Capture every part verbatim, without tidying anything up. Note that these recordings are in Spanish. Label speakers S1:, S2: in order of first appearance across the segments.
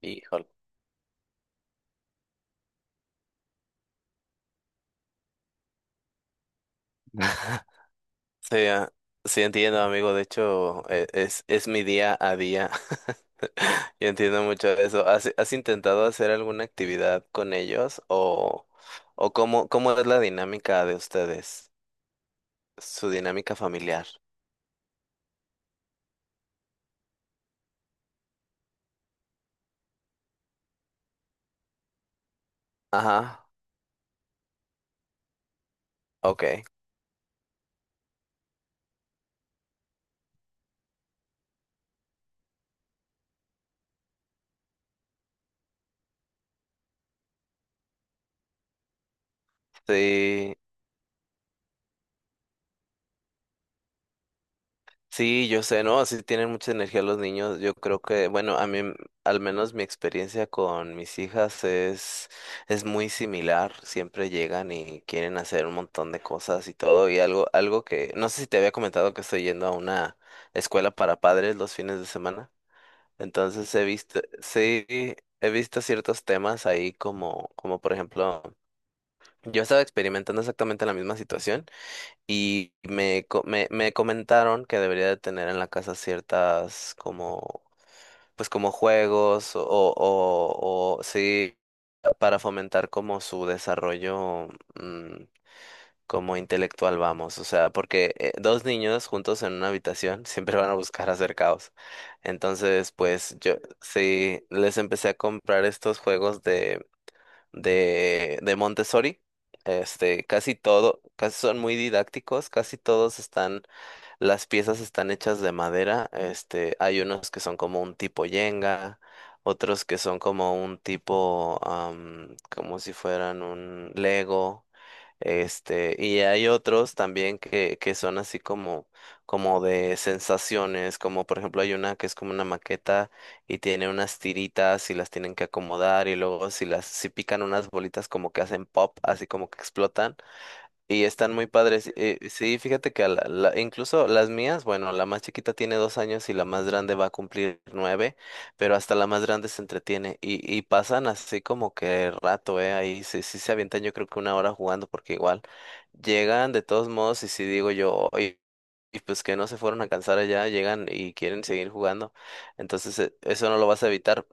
S1: Híjole. Mm. Sí, ah, sí entiendo, amigo. De hecho, e- es, es mi día a día. Yo entiendo mucho eso. ¿Has, has intentado hacer alguna actividad con ellos, o, o cómo, cómo es la dinámica de ustedes? Su dinámica familiar. Ajá, ok. Sí. Sí, yo sé, ¿no? Así tienen mucha energía los niños. Yo creo que, bueno, a mí, m- al menos mi experiencia con mis hijas es, es muy similar. Siempre llegan y quieren hacer un montón de cosas y todo. Y algo, algo que, no sé si te había comentado que estoy yendo a una escuela para padres los fines de semana. Entonces he visto, sí, he visto ciertos temas ahí como, como por ejemplo, yo estaba experimentando exactamente la misma situación. Y me, co- me, me comentaron que debería de tener en la casa ciertas como, pues como juegos o, o, o sí, para fomentar como su desarrollo, mm, como intelectual, vamos. O sea, porque eh, dos niños juntos en una habitación siempre van a buscar hacer caos. Entonces, pues yo sí, les empecé a comprar estos juegos de, de Montessori. Este, casi todo, casi son muy didácticos; casi todos están, las piezas están hechas de madera. Este, hay unos que son como un tipo yenga, otros que son como un tipo, am, como si fueran un Lego. Este, y hay otros también que, que son así como, como de sensaciones, como por ejemplo hay una que es como una maqueta y tiene unas tiritas y las tienen que acomodar, y luego si las, si pican unas bolitas como que hacen pop, así como que explotan, y están muy padres. Eh, sí, fíjate que a la- la- incluso las mías, bueno, la más chiquita tiene dos años y la más grande va a cumplir nueve, pero hasta la más grande se entretiene y, y pasan así como que rato, ¿eh? Ahí sí, sí se avientan yo creo que una hora jugando, porque igual llegan de todos modos y si digo yo, "Oye, y pues que no se fueron a cansar allá, llegan y quieren seguir jugando". Entonces eh, eso no lo vas a evitar.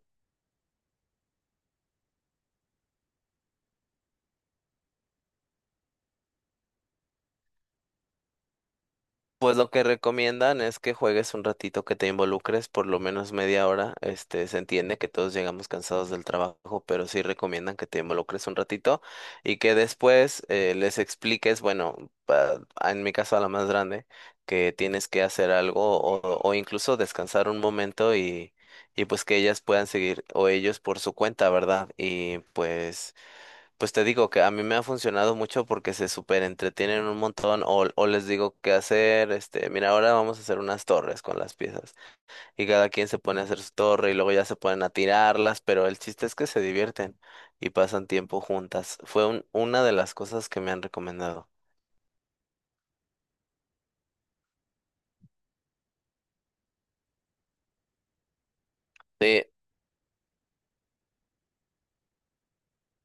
S1: Pues lo que recomiendan es que juegues un ratito, que te involucres por lo menos media hora. Este, se entiende que todos llegamos cansados del trabajo, pero sí recomiendan que te involucres un ratito y que después eh, les expliques, bueno, pa- en mi caso a la más grande, que tienes que hacer algo, o, o incluso descansar un momento, y, y pues que ellas puedan seguir o ellos por su cuenta, ¿verdad? Y pues... Pues te digo que a mí me ha funcionado mucho porque se súper entretienen un montón, o, o les digo qué hacer. Este, mira, ahora vamos a hacer unas torres con las piezas, y cada quien se pone a hacer su torre y luego ya se ponen a tirarlas, pero el chiste es que se divierten y pasan tiempo juntas. Fue un- una de las cosas que me han recomendado. Sí,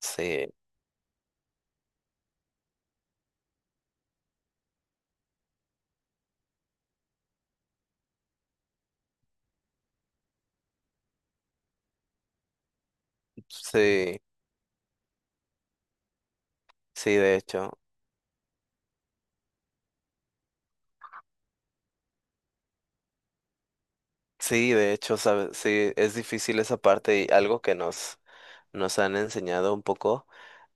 S1: sí, sí, sí, de hecho, sí, de hecho, sabes, sí, es difícil esa parte, y algo que nos, nos han enseñado un poco.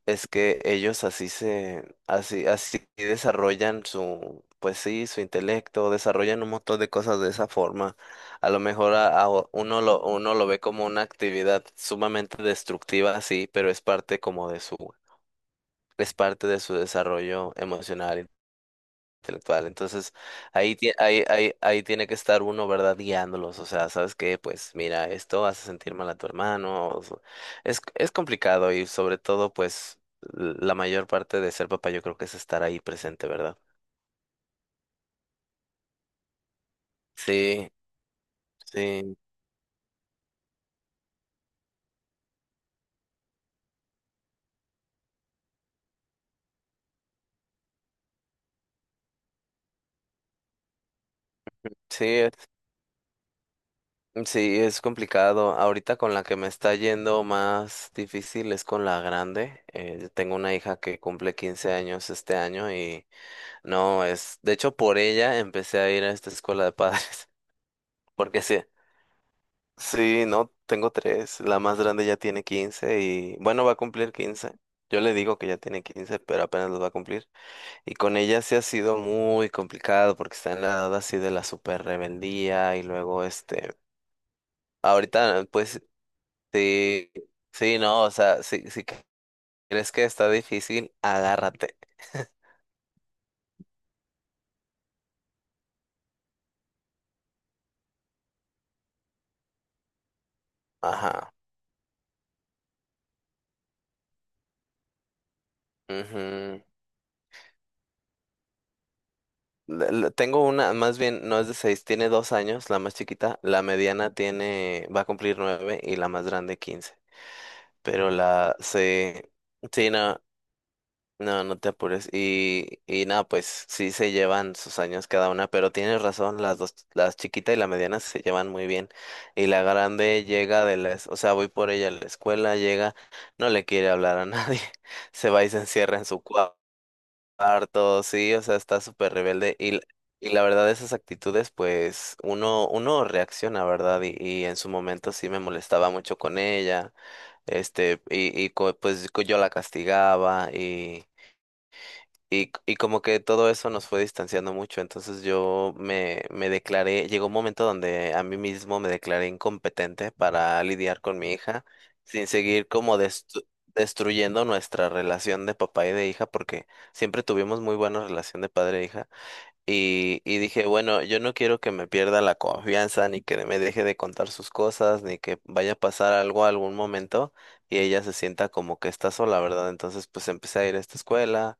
S1: Es que ellos así se, así, así desarrollan su, pues sí, su intelecto, desarrollan un montón de cosas de esa forma. A lo mejor a, a o- uno lo, uno lo ve como una actividad sumamente destructiva, sí, pero es parte como de su, es parte de su desarrollo emocional intelectual. Entonces, ahí, tie- ahí, ahí, ahí tiene que estar uno, ¿verdad? Guiándolos. O sea, ¿sabes qué? Pues mira, esto hace sentir mal a tu hermano. o so- Es, es complicado, y sobre todo, pues, l- la mayor parte de ser papá yo creo que es estar ahí presente, ¿verdad? Sí, sí, sí, es- sí, es complicado. Ahorita con la que me está yendo más difícil es con la grande. Eh, yo tengo una hija que cumple quince años este año. y... No, es, de hecho por ella empecé a ir a esta escuela de padres. Porque sí. Sí, no, tengo tres. La más grande ya tiene quince y, bueno, va a cumplir quince. Yo le digo que ya tiene quince, pero apenas los va a cumplir. Y con ella sí ha sido muy complicado porque está en la edad así de la super rebeldía, y luego este, ahorita pues sí, sí, no, o sea, si, si crees que está difícil, agárrate. Ajá. Ujú. la- la- Tengo una, más bien, no es de seis, tiene dos años, la más chiquita. La mediana tiene, va a cumplir nueve y la más grande quince. Pero la se, sí, no, no, no te apures. Y, y nada, pues sí se llevan sus años cada una, pero tienes razón, las dos, las chiquita y la mediana se llevan muy bien. Y la grande llega de la, es- o sea, voy por ella a la escuela, llega, no le quiere hablar a nadie, se va y se encierra en su cuarto. Harto, sí, o sea, está súper rebelde y, l- y la verdad esas actitudes pues uno, uno reacciona, ¿verdad? Y, y en su momento sí me molestaba mucho con ella, este, y, y co- pues co- yo la castigaba y y, y como que todo eso nos fue distanciando mucho. Entonces yo me, me declaré, llegó un momento donde a mí mismo me declaré incompetente para lidiar con mi hija, sin seguir como destru- destruyendo nuestra relación de papá y de hija, porque siempre tuvimos muy buena relación de padre e hija. Y, y dije, bueno, yo no quiero que me pierda la confianza, ni que me deje de contar sus cosas, ni que vaya a pasar algo algún momento y ella se sienta como que está sola, ¿verdad? Entonces, pues empecé a ir a esta escuela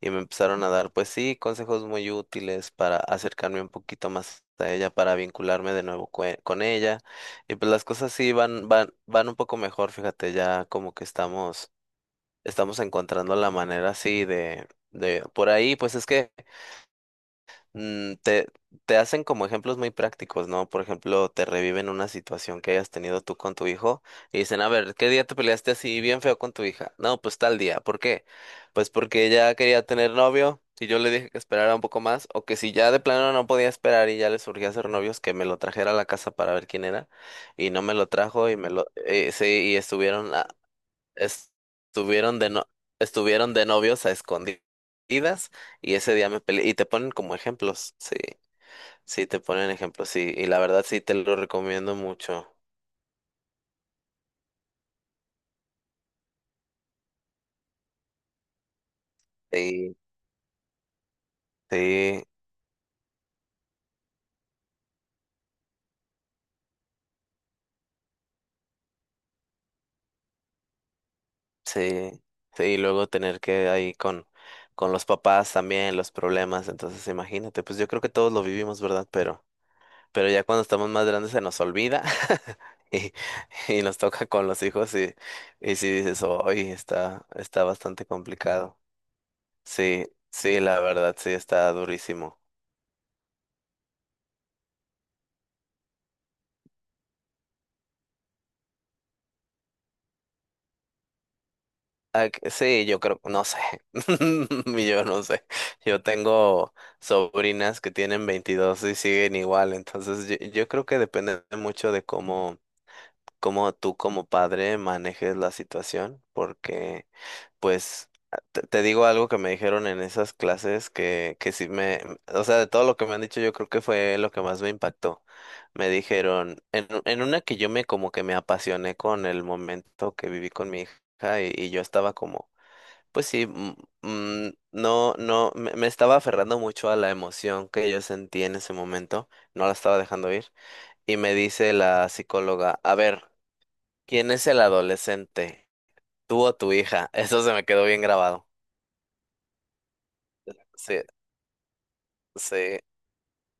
S1: y me empezaron a dar, pues sí, consejos muy útiles para acercarme un poquito más a ella, para vincularme de nuevo cue- con ella. Y pues las cosas sí van, van, van un poco mejor, fíjate. Ya como que estamos, estamos encontrando la manera así de, de, por ahí. Pues es que mm, te, te hacen como ejemplos muy prácticos, ¿no? Por ejemplo, te reviven una situación que hayas tenido tú con tu hijo y dicen, a ver, ¿qué día te peleaste así bien feo con tu hija? No, pues tal día. ¿Por qué? Pues porque ella quería tener novio y yo le dije que esperara un poco más, o que si ya de plano no podía esperar y ya le surgía hacer novios, que me lo trajera a la casa para ver quién era, y no me lo trajo y me lo, eh, sí, y estuvieron Estuvieron de no, estuvieron de novios a escondidas, y ese día me peleé. Y te ponen como ejemplos, sí, sí, te ponen ejemplos, sí. Y la verdad sí te lo recomiendo mucho. Sí, sí, sí, sí. Y luego tener que ahí con, con los papás también, los problemas. Entonces, imagínate, pues yo creo que todos lo vivimos, ¿verdad? Pero, pero ya cuando estamos más grandes se nos olvida. Y, y nos toca con los hijos, y, y si dices, hoy está, está bastante complicado. Sí, sí, la verdad, sí, está durísimo. Ah, que- sí, yo creo, no sé, yo no sé. Yo tengo sobrinas que tienen veintidós y siguen igual, entonces yo, yo, creo que depende mucho de cómo, cómo tú como padre manejes la situación, porque. Pues ah, te, te digo algo que me dijeron en esas clases que, que sí me, o sea, de todo lo que me han dicho, yo creo que fue lo que más me impactó. Me dijeron, en, u- en una que yo me como que me apasioné con el momento que viví con mi hija, y, y yo estaba como, pues sí, mm, mm, no, no, me, me estaba aferrando mucho a la emoción que yo sentí en ese momento, no la estaba dejando ir. Y me dice la psicóloga, a ver, ¿quién es el adolescente? ¿Tú o tu hija? Eso se me quedó bien grabado. Sí, sí,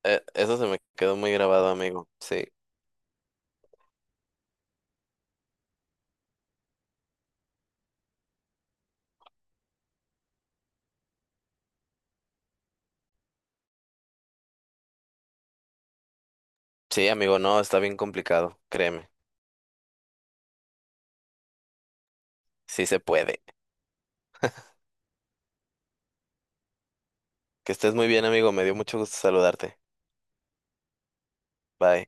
S1: eh, eso se me quedó muy grabado, amigo. Sí, sí, amigo, no, está bien complicado, créeme, sí se puede. Que estés muy bien, amigo, me dio mucho gusto saludarte. Bye.